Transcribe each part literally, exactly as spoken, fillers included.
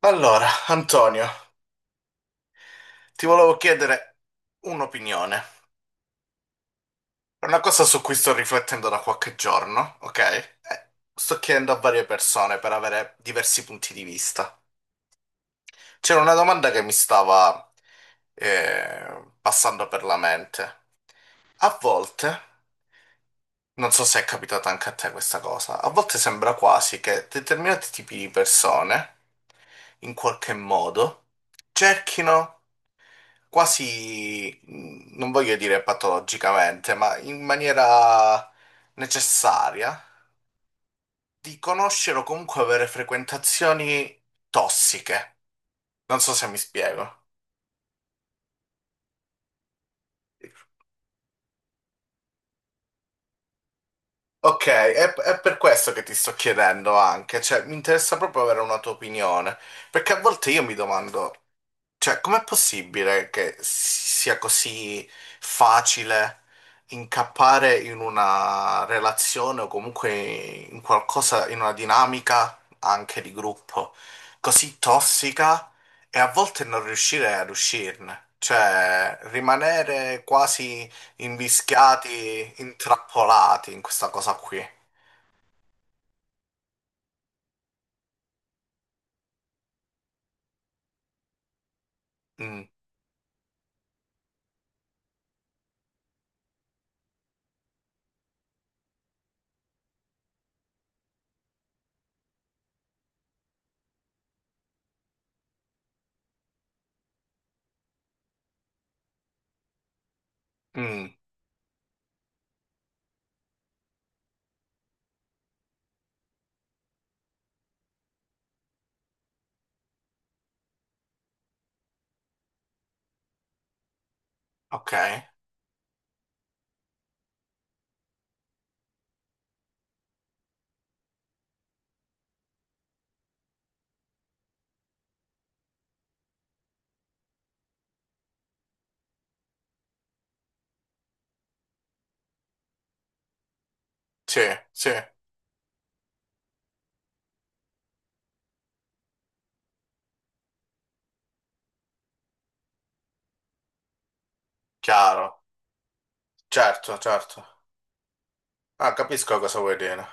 Allora, Antonio, ti volevo chiedere un'opinione. È una cosa su cui sto riflettendo da qualche giorno, ok? Eh, sto chiedendo a varie persone per avere diversi punti di vista. C'era una domanda che mi stava eh, passando per la mente. A volte, non so se è capitata anche a te questa cosa, a volte sembra quasi che determinati tipi di persone, in qualche modo, cerchino quasi, mh, non voglio dire patologicamente, ma in maniera necessaria, di conoscere o comunque avere frequentazioni tossiche. Non so se mi spiego. Ok, è, è per questo che ti sto chiedendo anche, cioè mi interessa proprio avere una tua opinione, perché a volte io mi domando. Cioè, com'è possibile che sia così facile incappare in una relazione o comunque in qualcosa, in una dinamica anche di gruppo così tossica e a volte non riuscire ad uscirne? Cioè, rimanere quasi invischiati, intrappolati in questa cosa qui. Mm, mm, ok, sì, sì, chiaro, certo, certo. Ah, capisco cosa vuoi dire.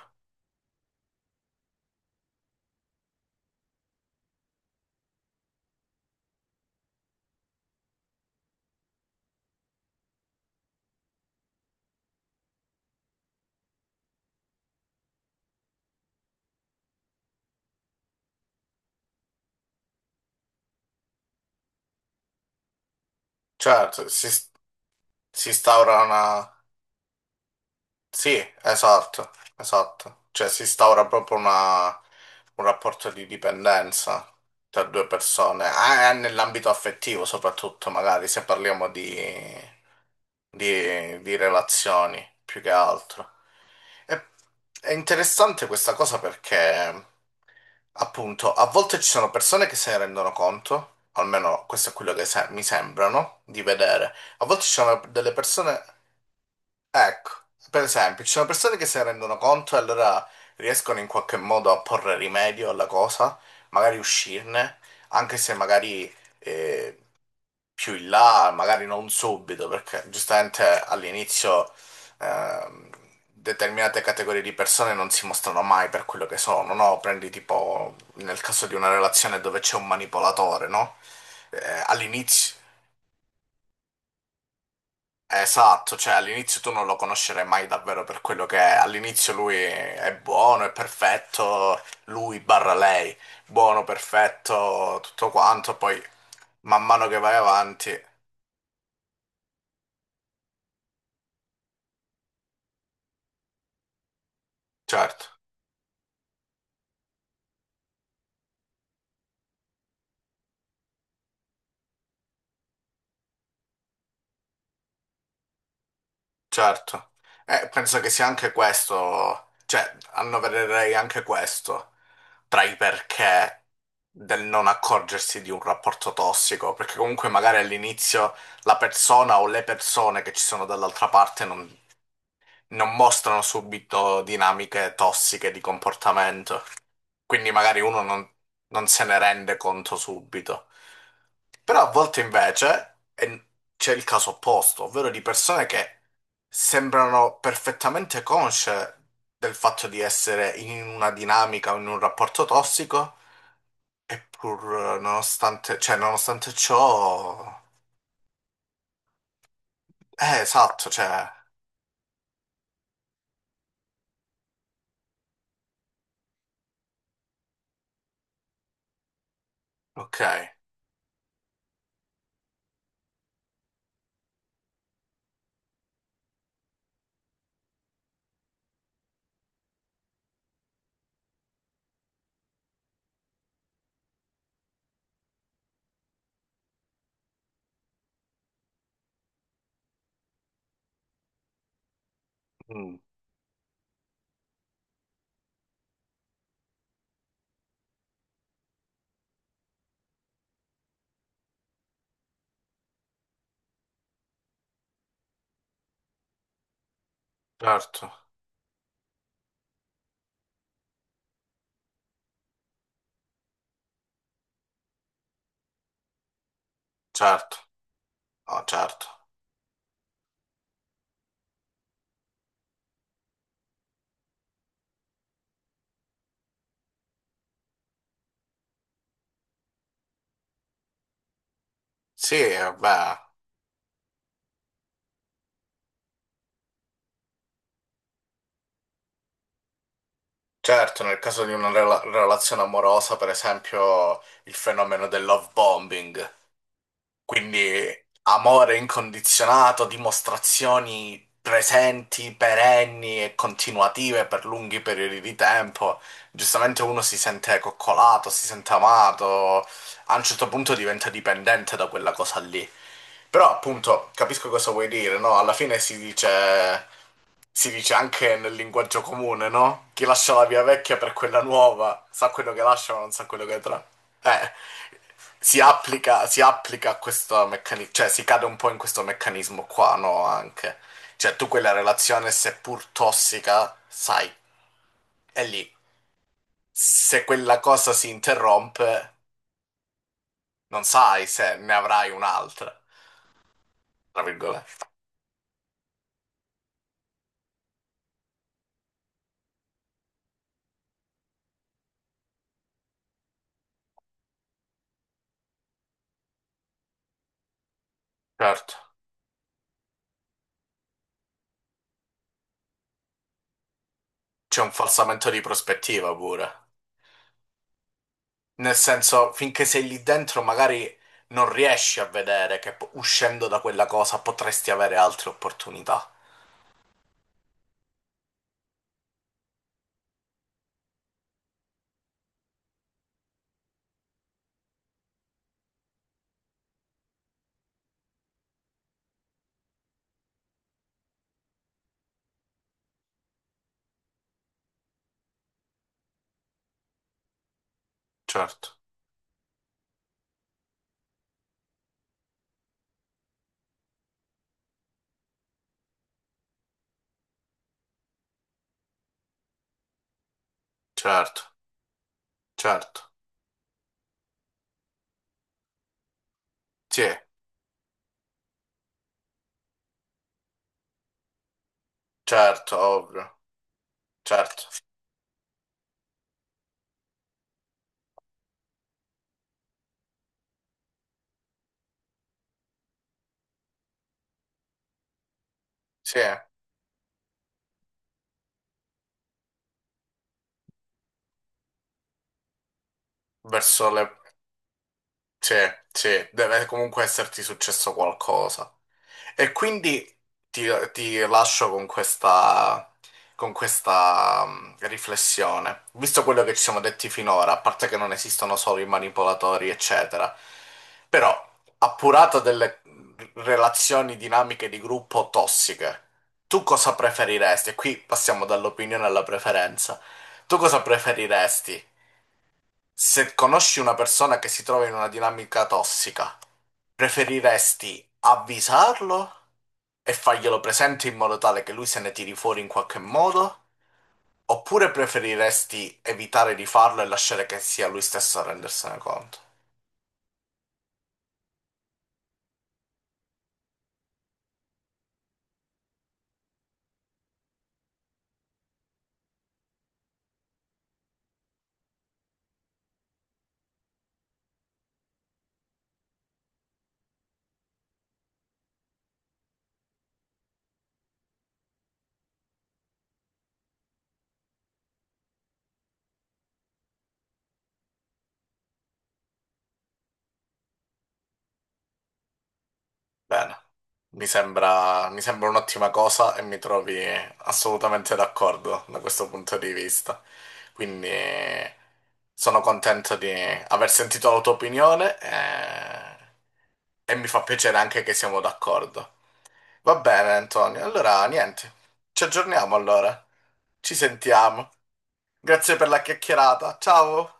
Certo, si, si instaura una, sì, esatto, esatto. Cioè si instaura proprio una- un rapporto di dipendenza tra due persone, ah, e nell'ambito affettivo soprattutto, magari se parliamo di, di- di relazioni più che altro. E- è interessante questa cosa perché, appunto, a volte ci sono persone che se ne rendono conto, almeno questo è quello che se- mi sembrano di vedere, a volte ci sono delle persone. Ecco, per esempio, ci sono persone che se ne rendono conto e allora riescono in qualche modo a porre rimedio alla cosa, magari uscirne, anche se magari eh, più in là, magari non subito, perché giustamente all'inizio ehm, determinate categorie di persone non si mostrano mai per quello che sono, no? Prendi tipo nel caso di una relazione dove c'è un manipolatore, no? Eh, all'inizio. Esatto, cioè all'inizio tu non lo conoscerai mai davvero per quello che è. All'inizio lui è buono, è perfetto, lui barra lei, buono, perfetto, tutto quanto, poi man mano che vai avanti, certo, certo. E penso che sia anche questo, cioè annovererei anche questo tra i perché del non accorgersi di un rapporto tossico, perché comunque magari all'inizio la persona o le persone che ci sono dall'altra parte non non mostrano subito dinamiche tossiche di comportamento, quindi magari uno non, non se ne rende conto subito. Però a volte invece e- c'è il caso opposto, ovvero di persone che sembrano perfettamente consce del fatto di essere in una dinamica o in un rapporto tossico, eppur eh, nonostante, cioè, nonostante ciò... Eh, esatto, cioè... Ok, mm, certo, certo, no, certo. Sì, eh, beh, certo, nel caso di una rela- relazione amorosa, per esempio, il fenomeno del love bombing, quindi amore incondizionato, dimostrazioni presenti, perenni e continuative per lunghi periodi di tempo, giustamente uno si sente coccolato, si sente amato, a un certo punto diventa dipendente da quella cosa lì. Però appunto capisco cosa vuoi dire, no? Alla fine si dice, si dice anche nel linguaggio comune, no? Chi lascia la via vecchia per quella nuova sa quello che lascia ma non sa quello che tra. Eh, si applica, si applica a questo meccanismo, cioè si cade un po' in questo meccanismo qua, no? Anche. Cioè tu quella relazione, seppur tossica, sai, è lì. Se quella cosa si interrompe, non sai se ne avrai un'altra, tra virgolette. Certo. C'è un falsamento di prospettiva pure. Nel senso, finché sei lì dentro, magari non riesci a vedere che po- uscendo da quella cosa potresti avere altre opportunità. Certo, certo, certo. Sì, certo, ovvio. Certo, sì. Verso le... Sì, sì, deve comunque esserti successo qualcosa. E quindi ti, ti lascio con questa, con questa mm, riflessione. Visto quello che ci siamo detti finora, a parte che non esistono solo i manipolatori, eccetera, però appurato delle relazioni dinamiche di gruppo tossiche, tu cosa preferiresti? E qui passiamo dall'opinione alla preferenza. Tu cosa preferiresti? Se conosci una persona che si trova in una dinamica tossica, preferiresti avvisarlo e farglielo presente in modo tale che lui se ne tiri fuori in qualche modo? Oppure preferiresti evitare di farlo e lasciare che sia lui stesso a rendersene conto? Bene, mi sembra, mi sembra un'ottima cosa e mi trovi assolutamente d'accordo da questo punto di vista. Quindi eh, sono contento di aver sentito la tua opinione e, e mi fa piacere anche che siamo d'accordo. Va bene, Antonio. Allora, niente, ci aggiorniamo allora. Ci sentiamo. Grazie per la chiacchierata. Ciao!